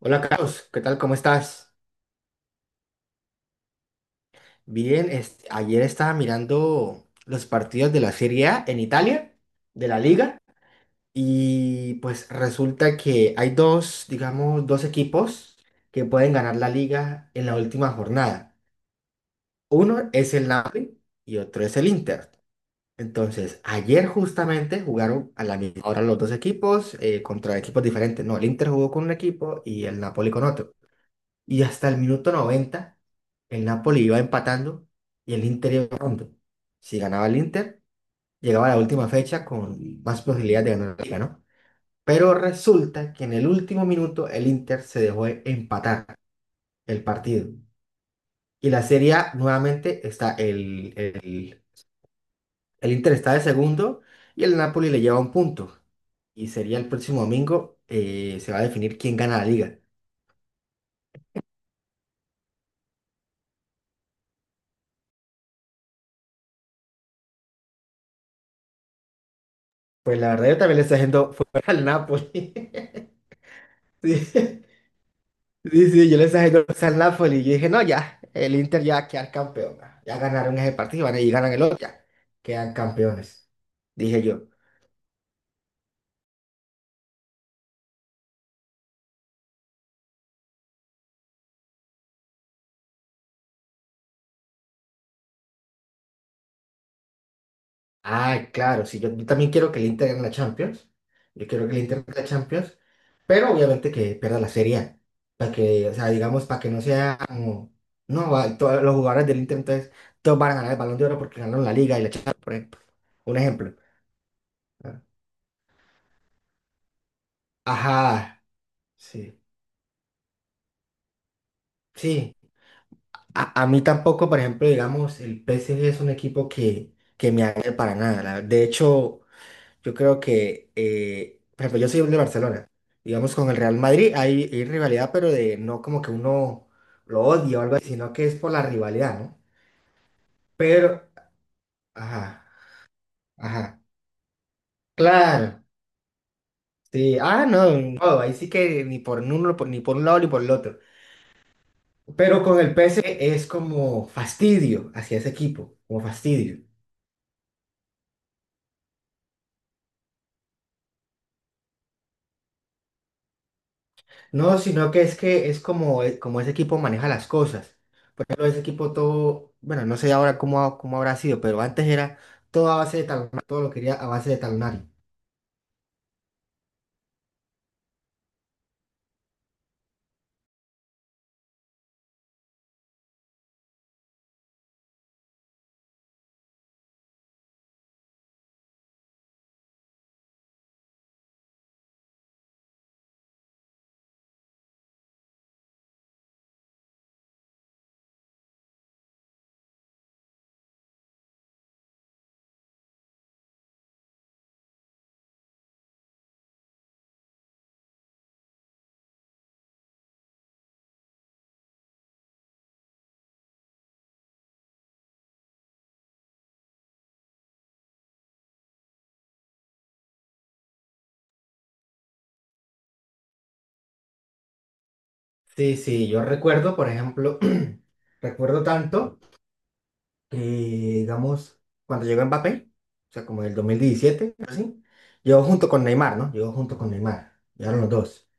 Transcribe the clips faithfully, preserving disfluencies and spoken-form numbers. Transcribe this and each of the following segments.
Hola Carlos, ¿qué tal? ¿Cómo estás? Bien, este, ayer estaba mirando los partidos de la Serie A en Italia, de la Liga, y pues resulta que hay dos, digamos, dos equipos que pueden ganar la Liga en la última jornada. Uno es el Napoli y otro es el Inter. Entonces, ayer justamente jugaron a la misma hora los dos equipos eh, contra equipos diferentes. No, el Inter jugó con un equipo y el Napoli con otro. Y hasta el minuto noventa el Napoli iba empatando y el Inter iba ganando. Si ganaba el Inter, llegaba a la última fecha con más posibilidades de ganar la liga, ¿no? Pero resulta que en el último minuto el Inter se dejó empatar el partido. Y la Serie A nuevamente está el, el, el Inter está de segundo y el Napoli le lleva un punto. Y sería el próximo domingo, eh, se va a definir quién gana la liga. Pues la verdad yo también le estoy haciendo fuera al Napoli. Sí. Sí, sí, yo les dije diciendo al Napoli y yo dije, no, ya, el Inter ya va a quedar campeón. Ya ganaron ese partido van a- y ganan el otro, ya quedan campeones. Dije yo, ay, claro, sí, yo, yo también quiero que el Inter gane la Champions. Yo quiero que el Inter gane la Champions, pero obviamente que pierda la Serie A. Para que, o sea, digamos, para que no sea como, no, va- todos los jugadores del Inter, entonces, todos van a ganar el Balón de Oro porque ganaron la Liga y la Champions, por ejemplo. Un ejemplo. ¿No? Ajá, sí, sí. A, a mí tampoco, por ejemplo, digamos, el P PSG es un equipo que, que me agrada para nada. la- De hecho, yo creo que, eh, por ejemplo, yo soy de Barcelona. Digamos, con el Real Madrid hay, hay rivalidad, pero de no como que uno lo odia o algo así, sino que es por la rivalidad, ¿no? Pero, ajá, ajá, claro. Sí, ah, no, no, ahí sí que ni por uno, por- ni por un lado ni por el otro. Pero con el P PSG es como fastidio hacia ese equipo, como fastidio. No, sino que es que es como, e- como ese equipo maneja las cosas. Pero ese equipo todo, bueno, no sé ahora cómo, ha- cómo habrá sido, pero antes era todo a base de talonario, todo lo quería a base de talonario. Sí, sí, yo recuerdo, por ejemplo, recuerdo tanto que, digamos, cuando llegó Mbappé, o sea, como en el dos mil diecisiete así, llegó junto con Neymar, ¿no? Llegó junto con Neymar, llegaron los dos.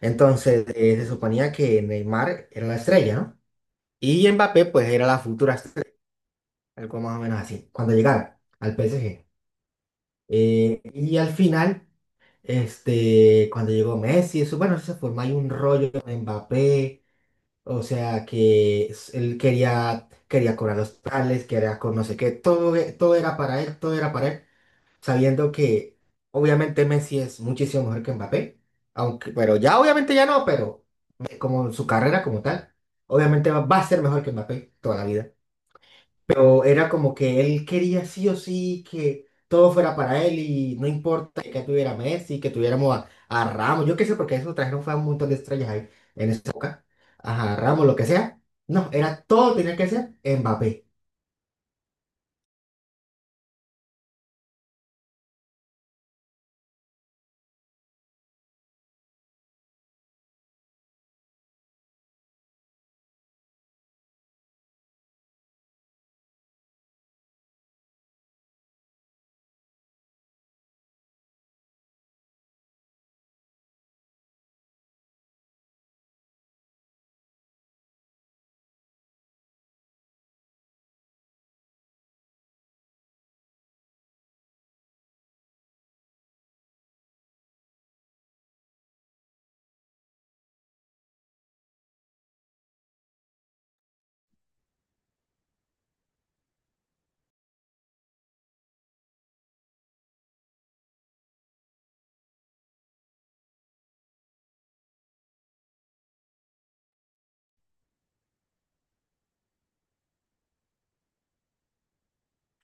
Entonces, eh, se suponía que Neymar era la estrella, ¿no? Y Mbappé, pues, era la futura estrella. Algo más o menos así. Cuando llegara al P S G. Eh, y al final, este, cuando llegó Messi, eso, bueno, se formó ahí un rollo con Mbappé. O sea que s- él quería, quería cobrar los tales, quería con no sé qué. Todo, e- todo era para él, todo era para él. Sabiendo que obviamente Messi es muchísimo mejor que Mbappé. Aunque, pero ya obviamente ya no, pero eh, como su carrera como tal, obviamente va, va a ser mejor que Mbappé toda la vida. Pero era como que él quería sí o sí que todo fuera para él y no importa que tuviera Messi, que tuviéramos a, a Ramos, yo qué sé, porque eso trajeron fue a un montón de estrellas ahí en esa época, a Ramos, lo que sea. No, era todo tenía que ser Mbappé.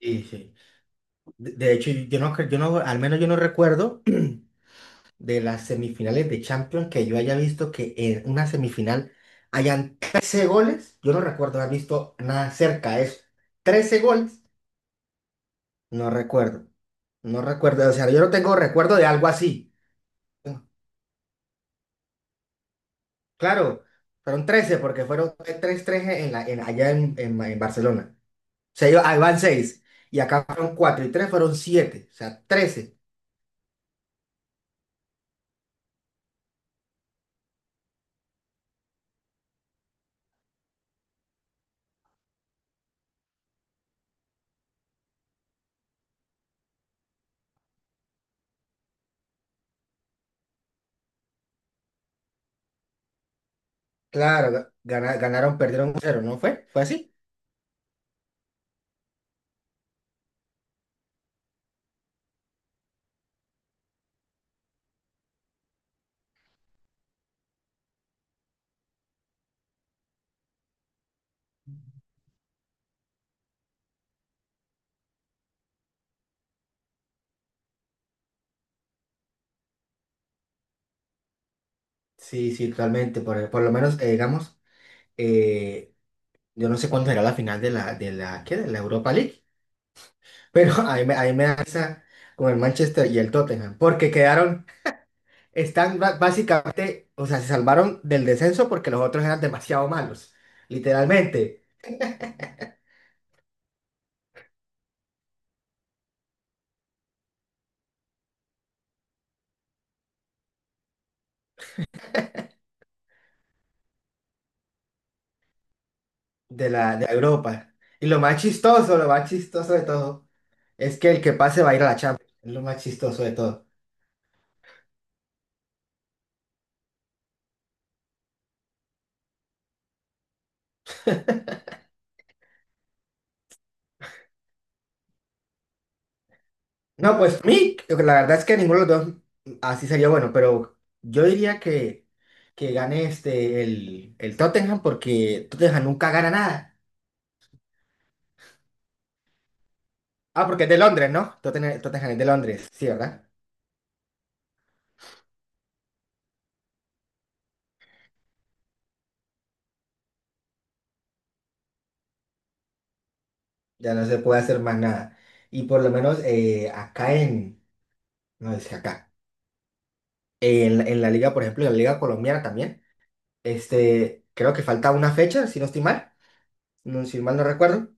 Sí, sí. De, de hecho, yo no, cre- yo no, al menos yo no recuerdo de las semifinales de Champions que yo haya visto que en una semifinal hayan trece goles. Yo no recuerdo haber visto nada cerca de eso. Trece goles. No recuerdo. No recuerdo. O sea, yo no tengo recuerdo de algo así. Bueno, claro, fueron trece porque fueron tres tres en la, en, allá en, en- en Barcelona. O sea, yo, ahí van seis y acá fueron cuatro y tres fueron siete. O sea, trece. Claro, ga- gana- ganaron, perdieron cero, ¿no fue? ¿Fue así? Sí, sí, realmente. Por, por lo menos, eh, digamos, eh, yo no sé cuándo será la final de la, de la, ¿qué? De la Europa League. Pero ahí me, ahí me da risa con el Manchester y el Tottenham porque quedaron. Están ba- básicamente, o sea, se salvaron del descenso porque los otros eran demasiado malos, literalmente, de la, de Europa. Y lo más chistoso, lo más chistoso de todo, es que el que pase va a ir a la Champions. Es lo más chistoso de todo. No, pues a mí, la verdad es que ninguno de los dos mm, así sería bueno, pero yo diría que, que gane este, el, el Tottenham porque Tottenham nunca gana nada. Ah, porque es de Londres, ¿no? Tottenham, Tottenham es de Londres, sí, ¿verdad? Ya no se puede hacer más nada. Y por lo menos eh, acá en, no es que acá, en, en, la liga, por ejemplo, en la liga colombiana también, este, creo que falta una fecha, si no estoy mal, no, si mal no recuerdo.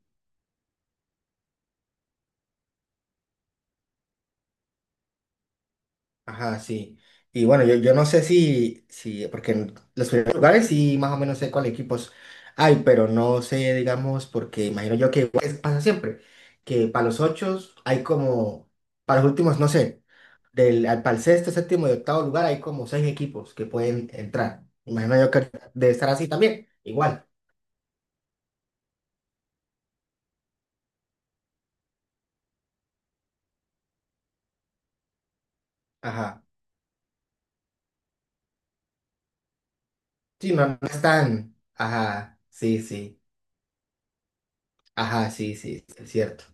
Ajá, sí. Y bueno, yo, yo no sé si, si, porque en los primeros lugares sí más o menos sé cuáles equipos hay, pero no sé, digamos, porque imagino yo que igual es- pasa siempre, que para los ocho hay como, para los últimos, no sé, del, al- para el sexto, séptimo y octavo lugar hay como seis equipos que pueden entrar. Imagino yo que debe estar así también, igual. Ajá. Sí, no, no están. Ajá, sí, sí. Ajá, sí, sí, es cierto.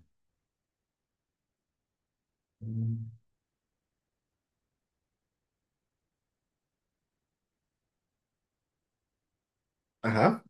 Mm. Ajá.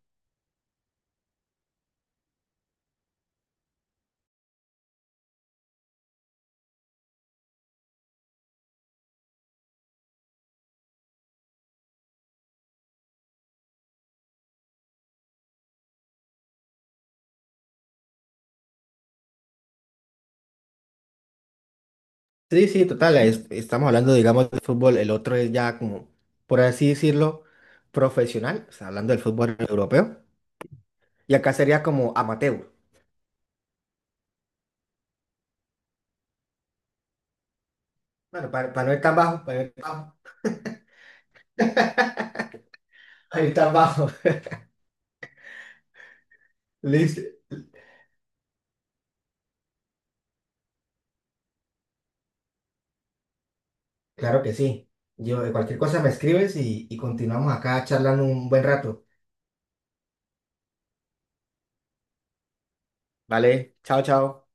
Sí, sí, total, es- estamos hablando, digamos, de fútbol, el otro es ya como, por así decirlo, profesional, o sea, hablando del fútbol europeo, y acá sería como amateur. Bueno, para, para no ir tan bajo, para no ir tan, bajo, para no ir tan bajo. Listo. Claro que sí. Yo, de cualquier cosa me escribes y, y continuamos acá charlando un buen rato. Vale, chao, chao.